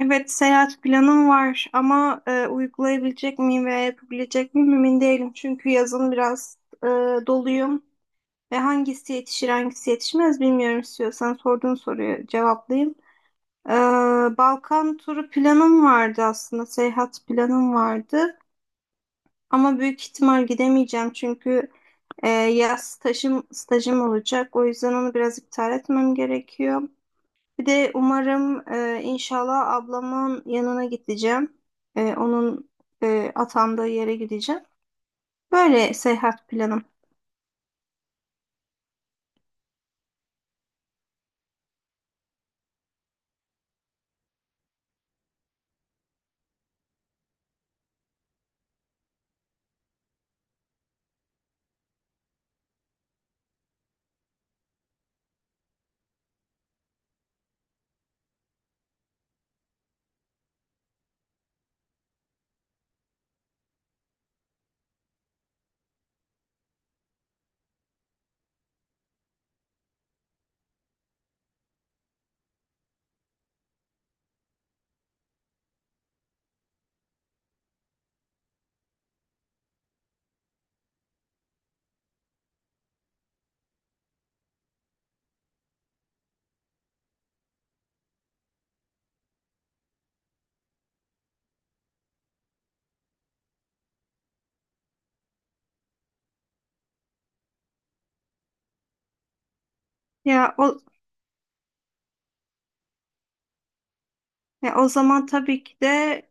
Evet, seyahat planım var ama uygulayabilecek miyim veya yapabilecek miyim emin değilim. Çünkü yazın biraz e, doluyum ve hangisi yetişir hangisi yetişmez bilmiyorum, istiyorsan sorduğun soruyu cevaplayayım. E, Balkan turu planım vardı aslında, seyahat planım vardı ama büyük ihtimal gidemeyeceğim çünkü stajım olacak. O yüzden onu biraz iptal etmem gerekiyor. Bir de umarım inşallah ablamın yanına gideceğim. E, onun atandığı yere gideceğim. Böyle seyahat planım. Ya o o zaman tabii ki de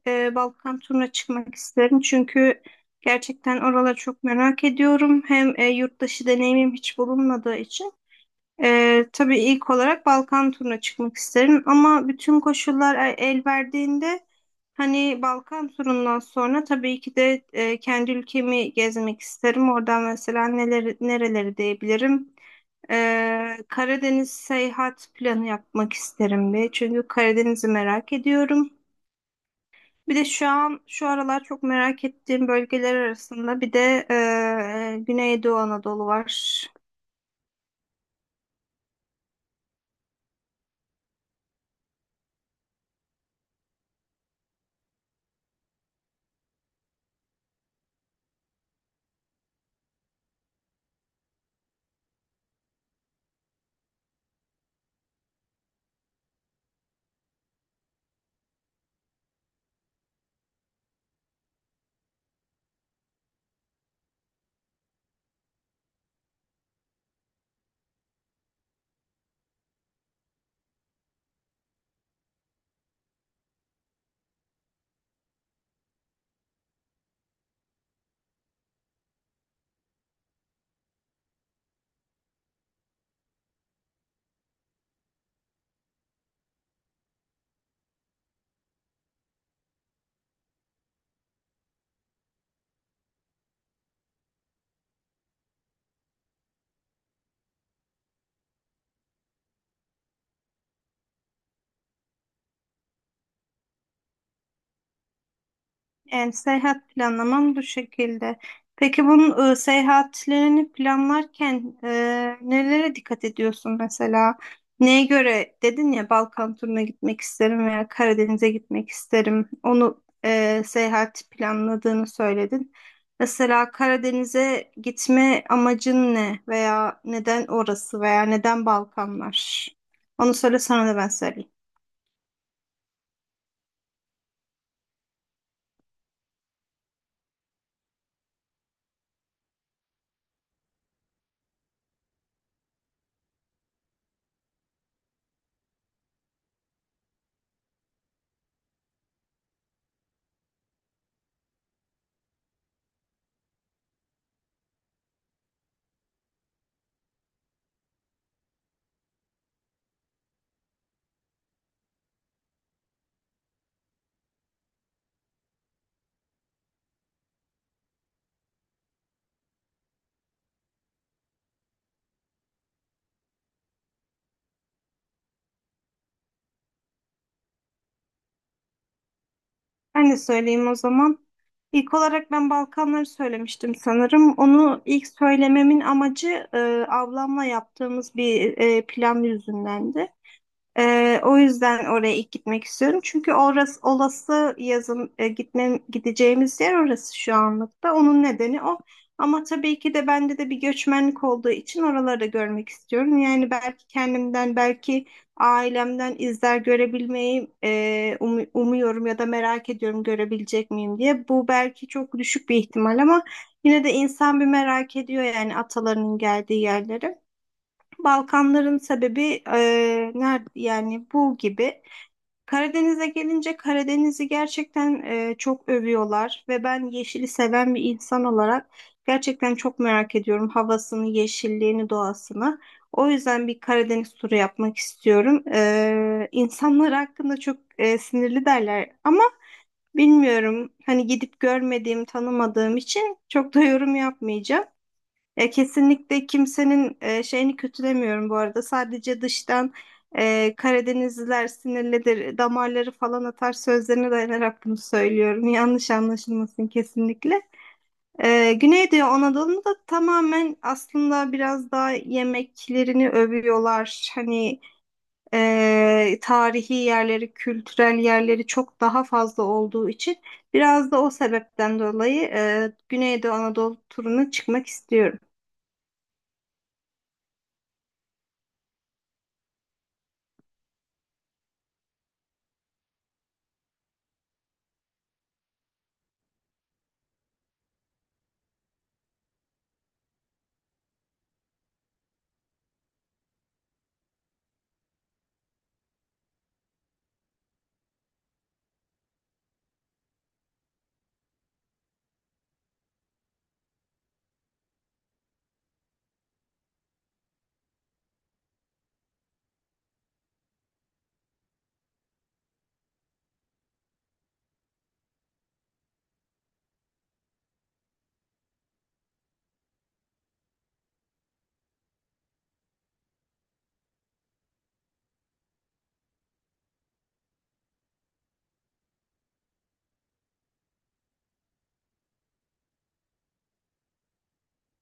Balkan turuna çıkmak isterim. Çünkü gerçekten oraları çok merak ediyorum. Hem yurt dışı deneyimim hiç bulunmadığı için. Tabii ilk olarak Balkan turuna çıkmak isterim ama bütün koşullar el verdiğinde hani Balkan turundan sonra tabii ki de kendi ülkemi gezmek isterim. Oradan mesela neleri, nereleri diyebilirim. Karadeniz seyahat planı yapmak isterim bir. Çünkü Karadeniz'i merak ediyorum. Bir de şu an şu aralar çok merak ettiğim bölgeler arasında bir de Güneydoğu Anadolu var. Yani seyahat planlamam bu şekilde. Peki bunun seyahatlerini planlarken nelere dikkat ediyorsun mesela? Neye göre dedin ya, Balkan turuna gitmek isterim veya Karadeniz'e gitmek isterim. Onu seyahat planladığını söyledin. Mesela Karadeniz'e gitme amacın ne veya neden orası veya neden Balkanlar? Onu söyle, sana da ben söyleyeyim. Ben de söyleyeyim o zaman. İlk olarak ben Balkanları söylemiştim sanırım. Onu ilk söylememin amacı ablamla yaptığımız bir plan yüzündendi. O yüzden oraya ilk gitmek istiyorum. Çünkü orası olası yazın e, gitmem gideceğimiz yer orası şu anlıkta. Onun nedeni o. Ama tabii ki de bende de bir göçmenlik olduğu için oraları da görmek istiyorum. Yani belki kendimden, belki ailemden izler görebilmeyi umuyorum ya da merak ediyorum görebilecek miyim diye. Bu belki çok düşük bir ihtimal ama yine de insan bir merak ediyor yani atalarının geldiği yerleri. Balkanların sebebi nerede yani bu gibi. Karadeniz'e gelince Karadeniz'i gerçekten çok övüyorlar ve ben yeşili seven bir insan olarak gerçekten çok merak ediyorum havasını, yeşilliğini, doğasını. O yüzden bir Karadeniz turu yapmak istiyorum. İnsanlar hakkında çok sinirli derler ama bilmiyorum, hani gidip görmediğim, tanımadığım için çok da yorum yapmayacağım. Ya kesinlikle kimsenin şeyini kötülemiyorum bu arada. Sadece dıştan Karadenizliler sinirlidir, damarları falan atar sözlerine dayanarak bunu söylüyorum. Yanlış anlaşılmasın kesinlikle. Güneydoğu Anadolu'nu da tamamen aslında biraz daha yemeklerini övüyorlar. Hani tarihi yerleri, kültürel yerleri çok daha fazla olduğu için biraz da o sebepten dolayı Güneydoğu Anadolu turuna çıkmak istiyorum.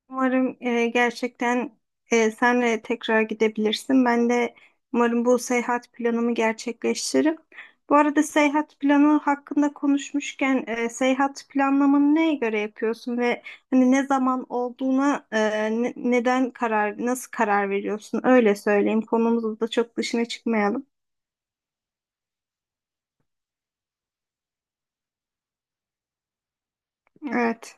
Umarım gerçekten senle tekrar gidebilirsin. Ben de umarım bu seyahat planımı gerçekleştiririm. Bu arada seyahat planı hakkında konuşmuşken seyahat planlamanı neye göre yapıyorsun ve hani ne zaman olduğuna neden karar, nasıl karar veriyorsun? Öyle söyleyeyim. Konumuzda da çok dışına çıkmayalım. Evet.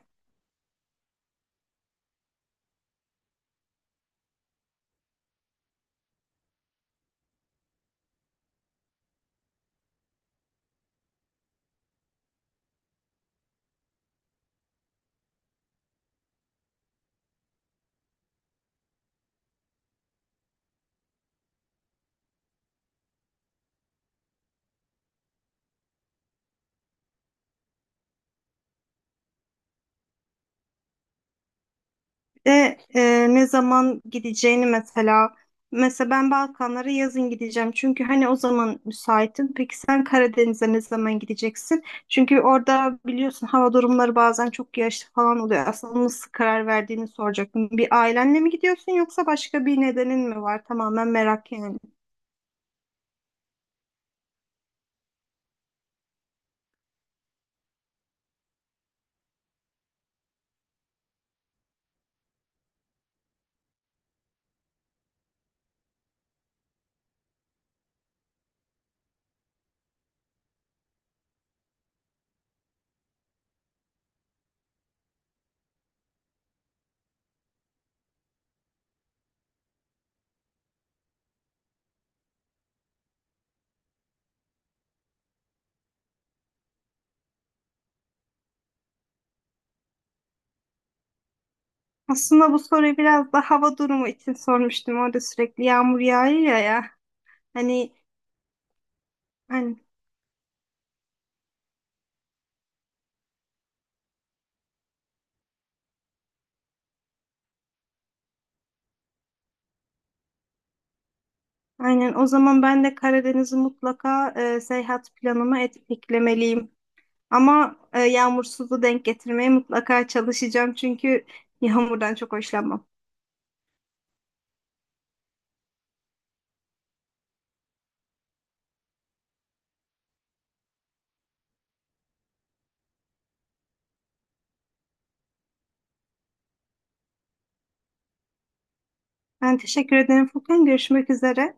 De ne zaman gideceğini mesela. Mesela ben Balkanlara yazın gideceğim. Çünkü hani o zaman müsaitim. Peki sen Karadeniz'e ne zaman gideceksin? Çünkü orada biliyorsun hava durumları bazen çok yağışlı falan oluyor. Aslında nasıl karar verdiğini soracaktım. Bir ailenle mi gidiyorsun yoksa başka bir nedenin mi var? Tamamen merak yani. Aslında bu soruyu biraz da hava durumu için sormuştum. Orada sürekli yağmur yağıyor ya. Hani, hani Aynen. O zaman ben de Karadeniz'i mutlaka seyahat planıma eklemeliyim. Ama yağmursuzu denk getirmeye mutlaka çalışacağım çünkü yağmurdan çok hoşlanmam. Ben teşekkür ederim Furkan. Görüşmek üzere.